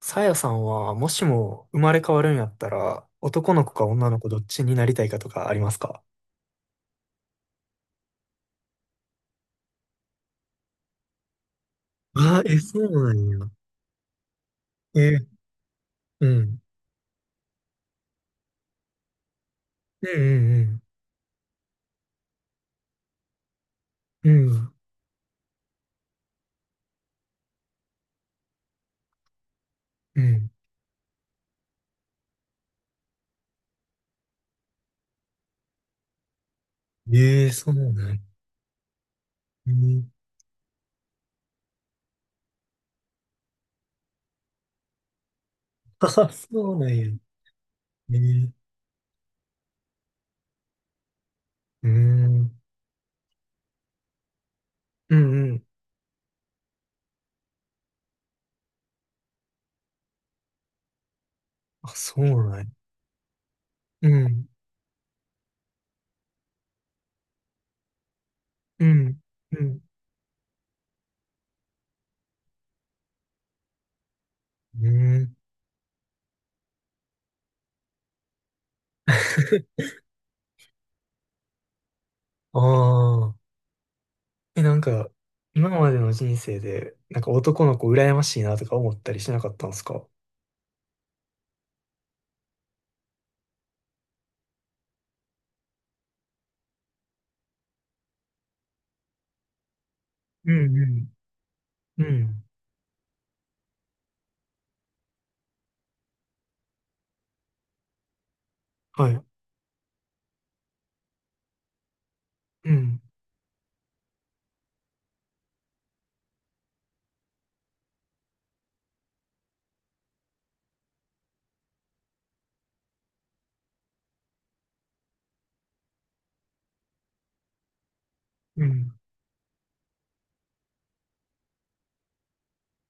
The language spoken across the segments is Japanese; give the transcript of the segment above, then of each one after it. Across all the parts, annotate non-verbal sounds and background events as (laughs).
さやさんは、もしも生まれ変わるんやったら、男の子か女の子どっちになりたいかとかありますか？あえ、そうなんや。え、うん。うんうんうん。うん。うん。えーそうなんや。うん。(laughs) あ、そうなんや。えーうんうんうん。あ、そうなんや。うん。うん。うん。うん。(laughs) ああ。え、なんか、今までの人生で、なんか男の子羨ましいなとか思ったりしなかったんですか？うんうん。うん。はい。うん。うん。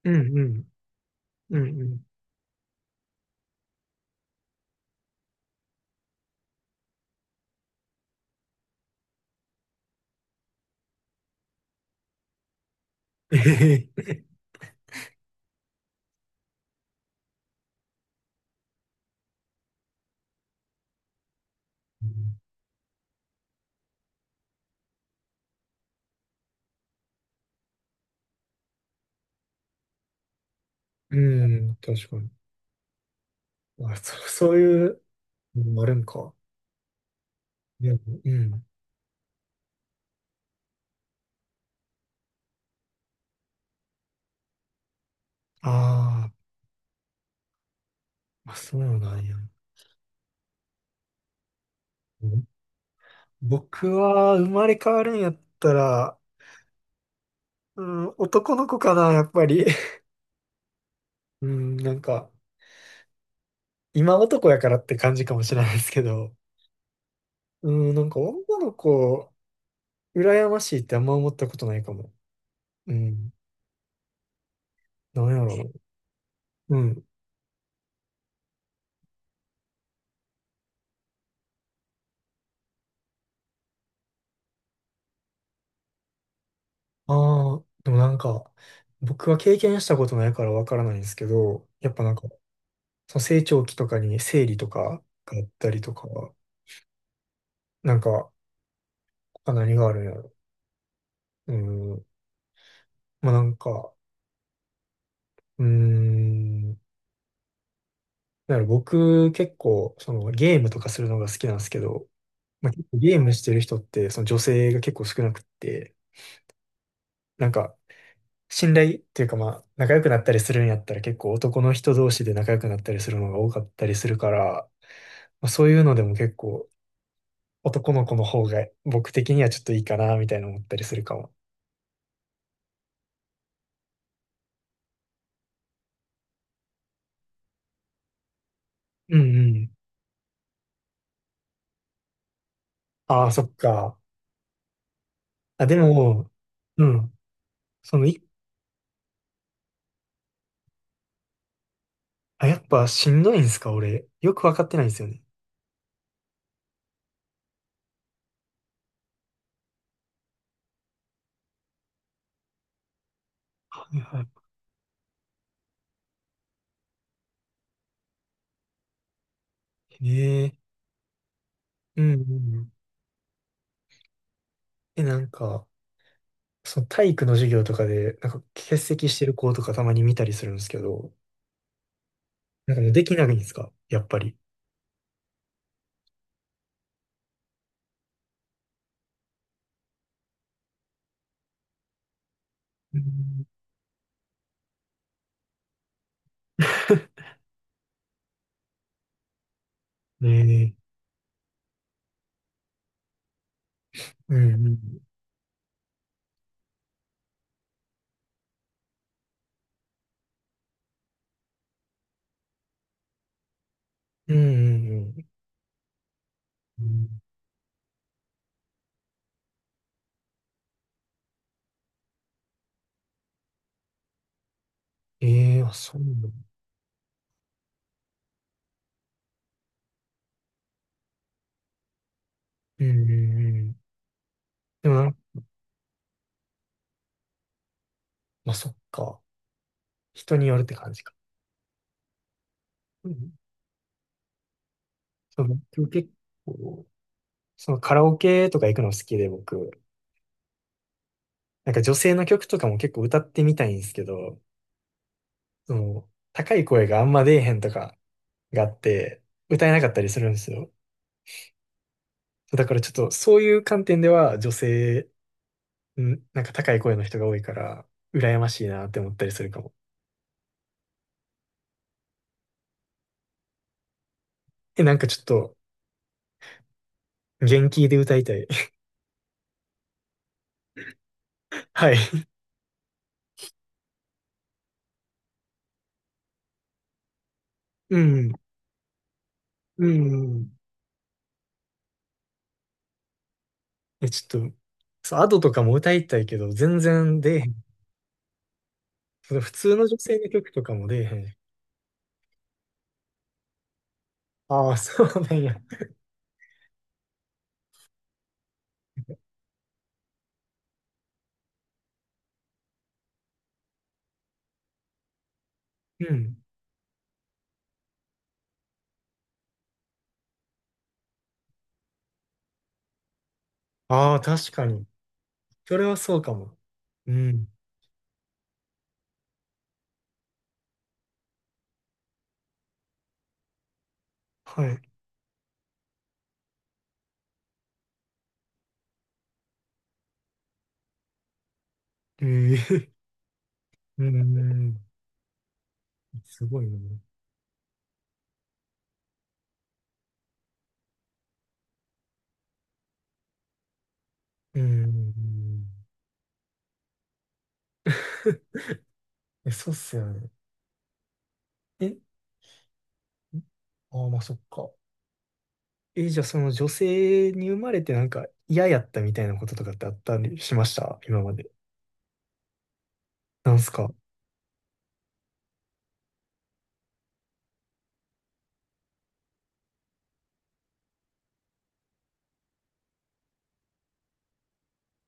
うん。うん。うん。うんえへへうん。確かに。あ、そういうのもあるんか。でも、うん。あー、まあ、そうなんや。う僕は生まれ変わるんやったら、うん、男の子かな、やっぱり。(laughs) うん、なんか、今男やからって感じかもしれないですけど、うん、なんか女の子、羨ましいってあんま思ったことないかも。うん、なんやろう。ああ、でもなんか、僕は経験したことないからわからないんですけど、やっぱなんか、その成長期とかに生理とかがあったりとか、なんか、他何があるんやろ。うん、まあなんか、うーん、だから僕結構、そのゲームとかするのが好きなんですけど、まあ、結構ゲームしてる人って、その女性が結構少なくって、なんか、信頼っていうかまあ、仲良くなったりするんやったら結構男の人同士で仲良くなったりするのが多かったりするから、まあ、そういうのでも結構男の子の方が僕的にはちょっといいかなみたいな思ったりするかも。うんうん。ああ、そっか。あ、でも、うん。そのい、あ、やっぱしんどいんすか俺。よくわかってないんですよね。はいはい。ねえ。うんうんうん。え、なんか、その体育の授業とかで、なんか欠席してる子とかたまに見たりするんですけど、なんかもうできないんですかやっぱり？うん (laughs) ねえ。うんうん。うんうんうん。ええー、あ、そうなの。うんうんうん。でもな、まあそっか。人によるって感じか。うん。その、でも結構、そのカラオケとか行くの好きで僕、なんか女性の曲とかも結構歌ってみたいんですけど、その、高い声があんま出えへんとかがあって、歌えなかったりするんですよ。だからちょっとそういう観点では女性、なんか高い声の人が多いから、羨ましいなって思ったりするかも。え、なんかちょっと、元気で歌いたい。(laughs) はい。うん。うん。え、ちょっと、そう、アドとかも歌いたいけど、全然出えへん。その普通の女性の曲とかも出えへん。ああ、そうなんや。うん。ああ、確かに。それはそうかも。うん。はい。ええ、うん。すごいな。うん。え、そうっすよね。え、ああ、まあ、そっか。え、じゃあその女性に生まれてなんか嫌やったみたいなこととかってあったりしました今まで？なんすか？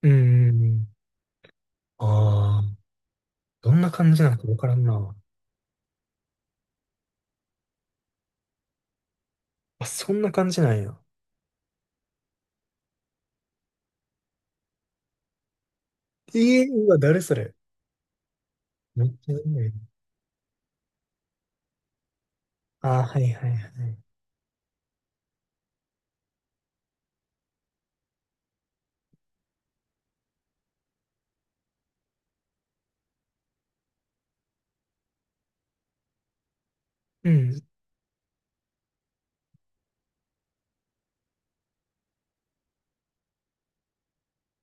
うんうんうん。ああ、どんな感じなのかわからんな。あ、そんな感じなんや。ええ、うわ、誰それ、めっちゃいいね。ああ、はいはいはい。うん、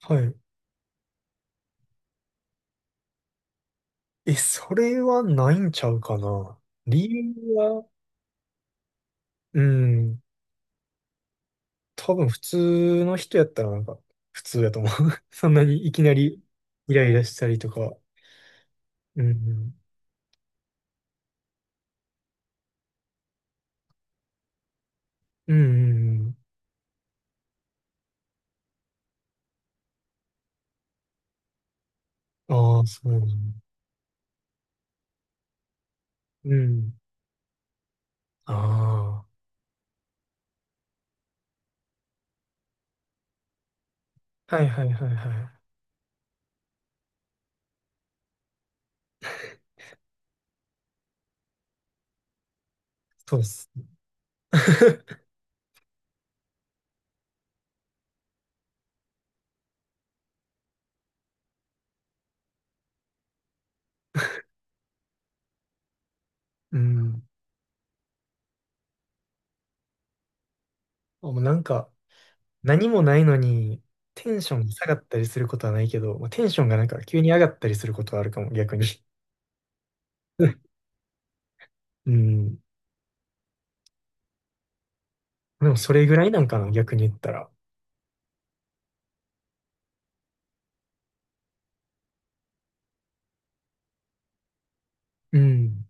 はい。え、それはないんちゃうかな。理由は、うん、多分普通の人やったらなんか普通やと思う。(laughs) そんなにいきなりイライラしたりとか。うんうん。うんうんうん。ああ、そうなんだ。うん。ああ、はいはいはいはい。そうっす。(laughs) うん。あ、もうなんか、何もないのに、テンションが下がったりすることはないけど、まあ、テンションがなんか急に上がったりすることはあるかも、逆に。(laughs) うん。でもそれぐらいなんかな、逆に言ったら。うん。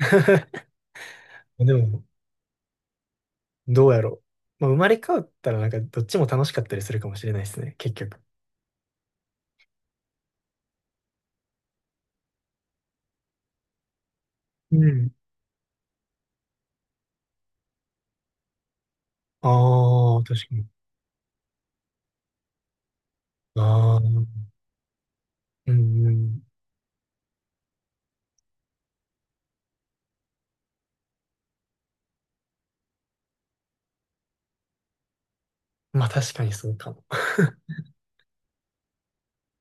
(laughs) でも、どうやろう。まあ、生まれ変わったらなんかどっちも楽しかったりするかもしれないですね、結局。うん。あ。あ、確かに。ああ、うんうん。まあ確かにそうかも。